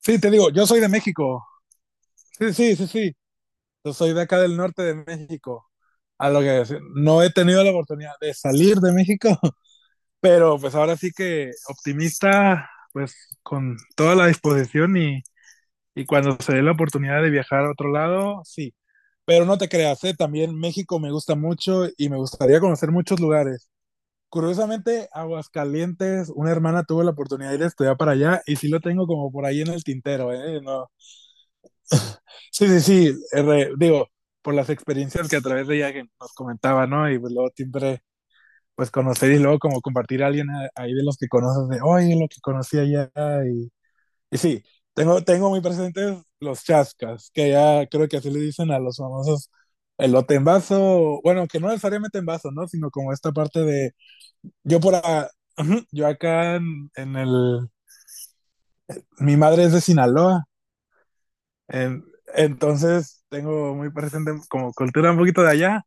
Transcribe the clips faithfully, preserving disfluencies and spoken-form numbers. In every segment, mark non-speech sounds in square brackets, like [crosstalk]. Sí, te digo, yo soy de México. Sí, sí, sí, sí. Yo soy de acá del norte de México. A lo que decir, no he tenido la oportunidad de salir de México, [laughs] pero pues ahora sí que optimista, pues con toda la disposición y, y cuando se dé la oportunidad de viajar a otro lado, sí. Pero no te creas, ¿eh? También México me gusta mucho y me gustaría conocer muchos lugares. Curiosamente, Aguascalientes, una hermana tuvo la oportunidad de ir a estudiar para allá y sí lo tengo como por ahí en el tintero, ¿eh? No, sí, sí, sí, R- digo, por las experiencias que a través de ella que nos comentaba, ¿no? Y pues luego siempre, pues conocer y luego como compartir a alguien a- ahí de los que conoces, de, oye, lo que conocí allá. Y, y sí, tengo, tengo muy presentes los chascas, que ya creo que así le dicen a los famosos elote en vaso, bueno, que no necesariamente en vaso, ¿no? Sino como esta parte de, yo por acá, yo acá en, en el, mi madre es de Sinaloa, en- entonces tengo muy presente como cultura un poquito de allá.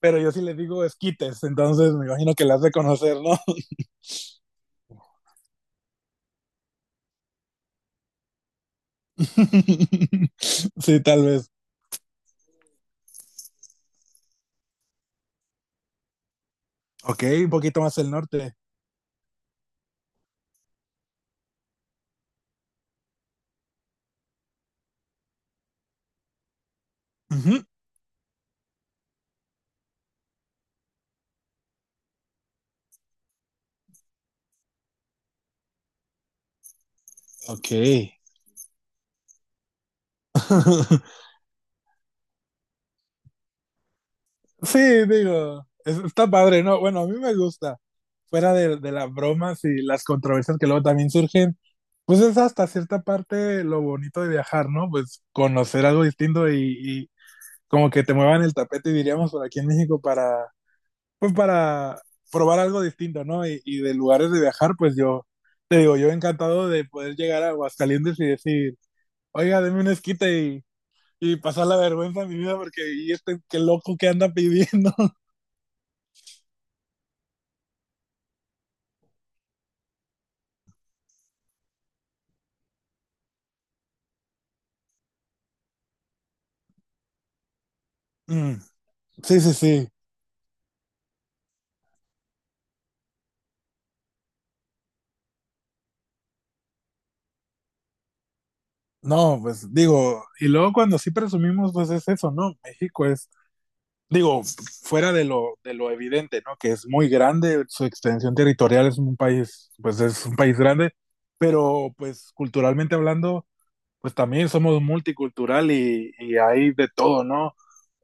Pero yo sí les digo esquites, entonces me imagino que las de conocer, ¿no? [laughs] Sí, tal vez. Ok, un poquito más el norte. Ujú. Ok. [laughs] Sí, digo, es- está padre, ¿no? Bueno, a mí me gusta. Fuera de, de las bromas y las controversias que luego también surgen, pues es hasta cierta parte lo bonito de viajar, ¿no? Pues conocer algo distinto y, y como que te muevan el tapete, diríamos, por aquí en México para pues para probar algo distinto, ¿no? Y, y de lugares de viajar, pues yo, te digo, yo encantado de poder llegar a Aguascalientes y decir, oiga, deme un esquite y, y pasar la vergüenza de mi vida porque y este qué loco que anda pidiendo. [laughs] Mm, sí, sí, sí. No, pues digo, y luego cuando sí presumimos, pues es eso, ¿no? México es, digo, fuera de lo, de lo evidente, ¿no? Que es muy grande, su extensión territorial es un país, pues es un país grande, pero pues culturalmente hablando, pues también somos multicultural y, y hay de todo, ¿no?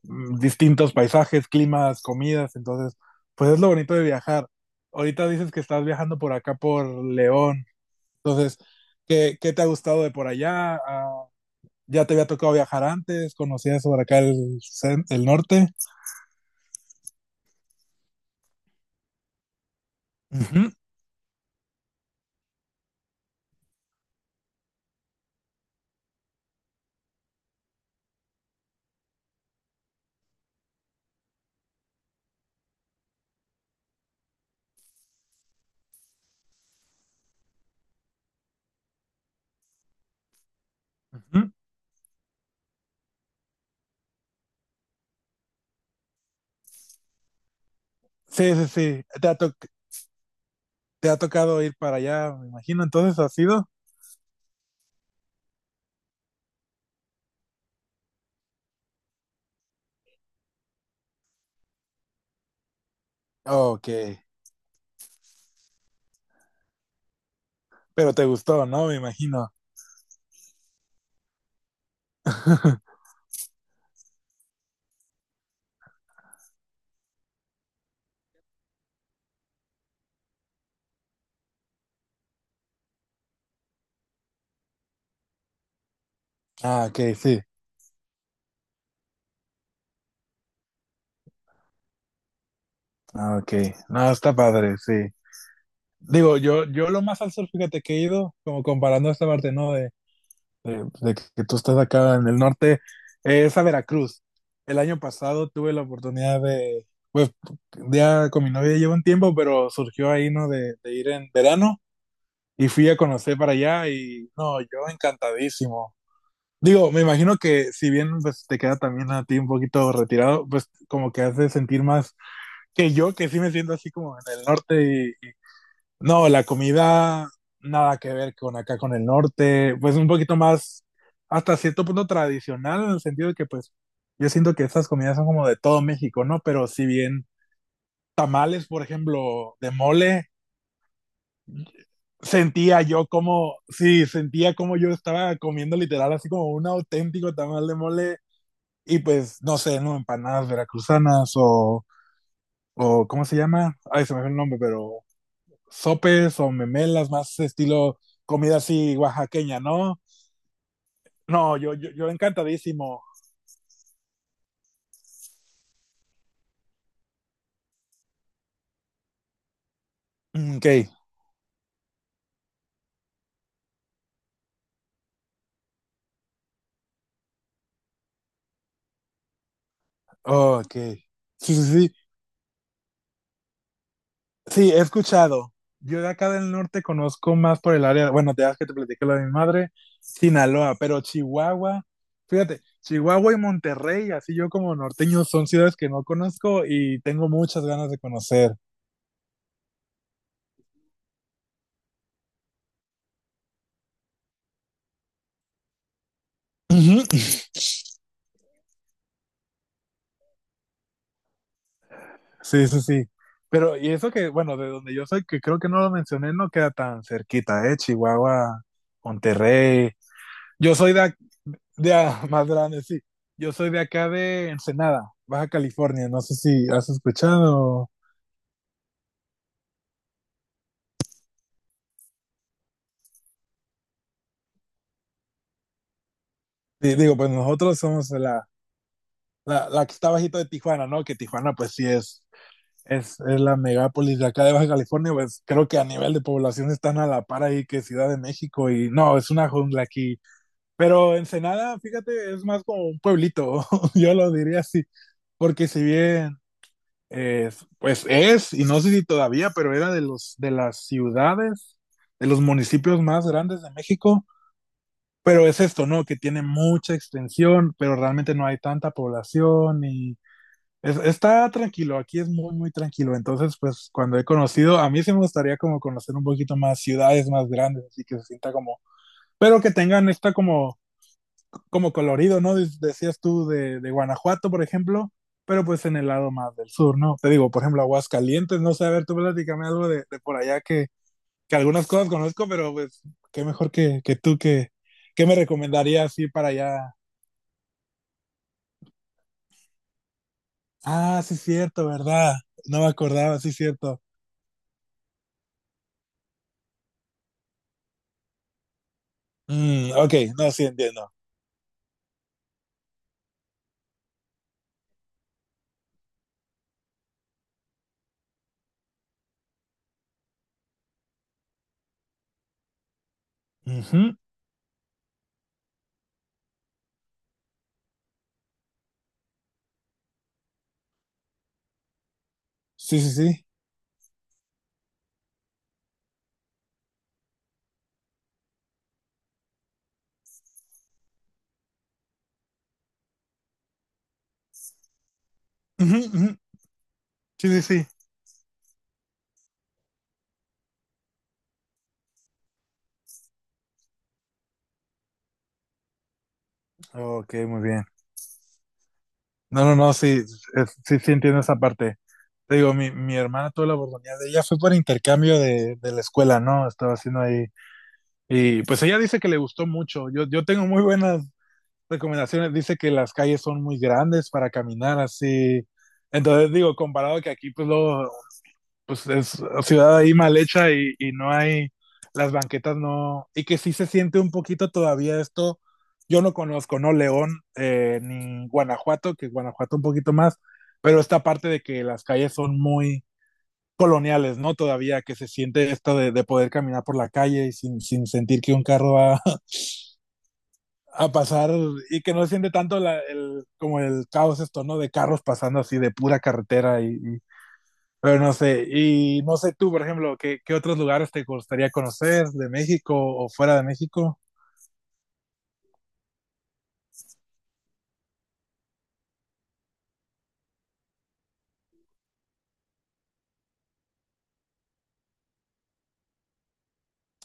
Mm. Distintos paisajes, climas, comidas, entonces, pues es lo bonito de viajar. Ahorita dices que estás viajando por acá por León, entonces, ¿qué, qué te ha gustado de por allá? Ah, ¿ya te había tocado viajar antes? ¿Conocías por acá el, cen- el norte? Ujú, ujú. Sí, sí, sí. ¿Te ha, toc- te ha tocado ir para allá, me imagino? Entonces, ¿ha sido? Ok, pero te gustó, ¿no? Me imagino. [laughs] Ah, ok, sí. Ah, ok. No, está padre, sí. Digo, yo, yo lo más al sur, fíjate que he ido, como comparando esta parte, ¿no? De, de- de que tú estás acá en el norte, eh, es a Veracruz. El año pasado tuve la oportunidad de, pues, ya con mi novia llevo un tiempo, pero surgió ahí, ¿no? De, de ir en verano y fui a conocer para allá y, no, yo encantadísimo. Digo, me imagino que si bien pues, te queda también a ti un poquito retirado, pues como que hace sentir más que yo, que sí me siento así como en el norte. No, la comida nada que ver con acá, con el norte, pues un poquito más, hasta cierto punto tradicional, en el sentido de que pues yo siento que estas comidas son como de todo México, ¿no? Pero si bien tamales, por ejemplo, de mole, sentía yo como, sí, sentía como yo estaba comiendo literal así como un auténtico tamal de mole y pues, no sé, ¿no? Empanadas veracruzanas o, o ¿cómo se llama? Ay, se me fue el nombre, pero sopes o memelas más estilo comida así oaxaqueña, ¿no? No, yo, yo, yo encantadísimo. Mm. Ok, oh, ok. Sí, sí, sí. Sí, he escuchado. Yo de acá del norte conozco más por el área, bueno, te das que te platiqué lo de mi madre, Sinaloa, pero Chihuahua, fíjate, Chihuahua y Monterrey, así yo como norteño, son ciudades que no conozco y tengo muchas ganas de conocer. Ujú. Sí, sí, sí. Pero, y eso que, bueno, de donde yo soy, que creo que no lo mencioné, no queda tan cerquita, ¿eh? Chihuahua, Monterrey. Yo soy de, ac- de a- [laughs] más grande, sí. Yo soy de acá de Ensenada, Baja California. No sé si has escuchado. Sí, digo, pues nosotros somos la, la, la que está bajito de Tijuana, ¿no? Que Tijuana, pues sí es, es, es la megápolis de acá de Baja California. Pues creo que a nivel de población están a la par ahí que Ciudad de México. Y no, es una jungla aquí. Pero Ensenada, fíjate, es más como un pueblito, [laughs] yo lo diría así, porque si bien, eh, pues es, y no sé si todavía, pero era de los, de las ciudades, de los municipios más grandes de México, pero es esto, ¿no? Que tiene mucha extensión, pero realmente no hay tanta población y es- está tranquilo, aquí es muy, muy tranquilo. Entonces, pues cuando he conocido, a mí sí me gustaría como conocer un poquito más ciudades más grandes, así que se sienta como, pero que tengan esta como como colorido, ¿no? Des- Decías tú de, de Guanajuato, por ejemplo, pero pues en el lado más del sur, ¿no? Te digo, por ejemplo, Aguascalientes, no sé, a ver, tú platícame algo de, de por allá que, que algunas cosas conozco, pero pues qué mejor que, que tú que, qué me recomendarías así para allá. Ah, sí, cierto, ¿verdad? No me acordaba, sí, cierto. Mm, ok, no, sí entiendo. Ujú, sí, sí, sí. Ujú, ujú, sí, sí, sí. Ok, muy bien. No, no, no, sí, es- sí, sí entiendo esa parte. Te digo, mi, mi hermana tuvo la oportunidad de ella, fue por intercambio de, de la escuela, ¿no? Estaba haciendo ahí. Y pues ella dice que le gustó mucho. Yo, yo tengo muy buenas recomendaciones. Dice que las calles son muy grandes para caminar así. Entonces digo, comparado que aquí, pues luego pues es ciudad ahí mal hecha y, y no hay, las banquetas no, y que sí se siente un poquito todavía esto, yo no conozco, no León eh, ni Guanajuato, que Guanajuato un poquito más, pero esta parte de que las calles son muy coloniales, ¿no? Todavía que se siente esto de, de poder caminar por la calle y sin, sin sentir que un carro va [laughs] a pasar y que no se siente tanto la, el, como el caos esto, ¿no? De carros pasando así de pura carretera y, y pero no sé, y no sé tú, por ejemplo, ¿qué, qué otros lugares te gustaría conocer de México o fuera de México?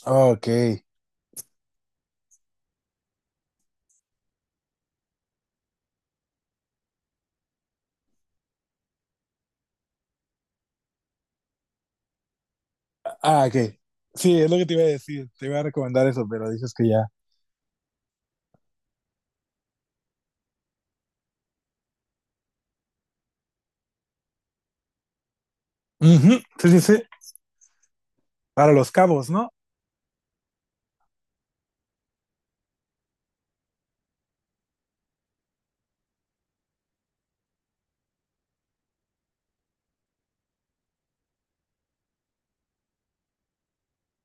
Ok. Ah, ok. Sí, es lo que te iba a decir. Te iba a recomendar eso, pero dices que ya. Ujú, sí, sí, sí. Para los cabos, ¿no?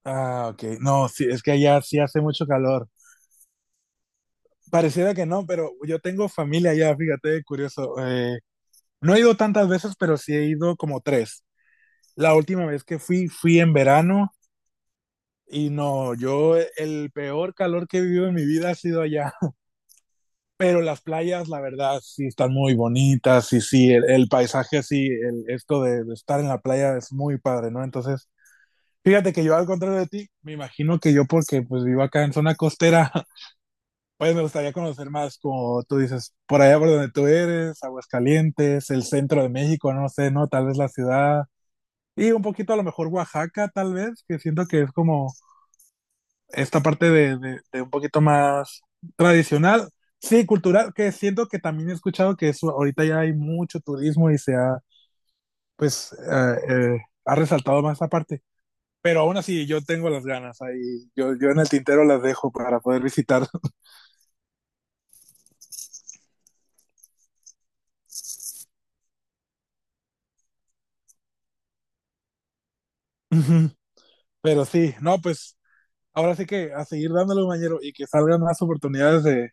Ah, ok. No, sí, es que allá sí hace mucho calor. Pareciera que no, pero yo tengo familia allá, fíjate, curioso. Eh, no he ido tantas veces, pero sí he ido como tres. La última vez que fui, fui en verano. Y no, yo el peor calor que he vivido en mi vida ha sido allá. [laughs] Pero las playas, la verdad, sí están muy bonitas y sí, el, el paisaje, sí, el, esto de, de estar en la playa es muy padre, ¿no? Entonces, fíjate que yo al contrario de ti, me imagino que yo porque pues vivo acá en zona costera, [laughs] pues me gustaría conocer más, como tú dices, por allá por donde tú eres, Aguascalientes, el centro de México, no sé, ¿no? Tal vez la ciudad. Y un poquito a lo mejor Oaxaca, tal vez, que siento que es como esta parte de, de, de un poquito más tradicional, sí, cultural, que siento que también he escuchado que eso, ahorita ya hay mucho turismo y se ha, pues, eh, eh, ha resaltado más esa parte. Pero aún así, yo tengo las ganas ahí, yo, yo en el tintero las dejo para poder visitar. [laughs] Ujú. Pero sí, no, pues ahora sí que a seguir dándole un y que salgan más oportunidades de,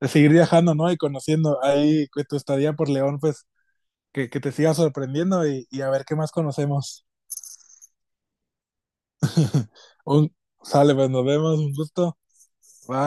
de seguir viajando, ¿no? Y conociendo ahí que tu estadía por León, pues que, que te siga sorprendiendo y, y a ver qué más conocemos. [laughs] Un, sale, pues nos vemos, un gusto. Bye.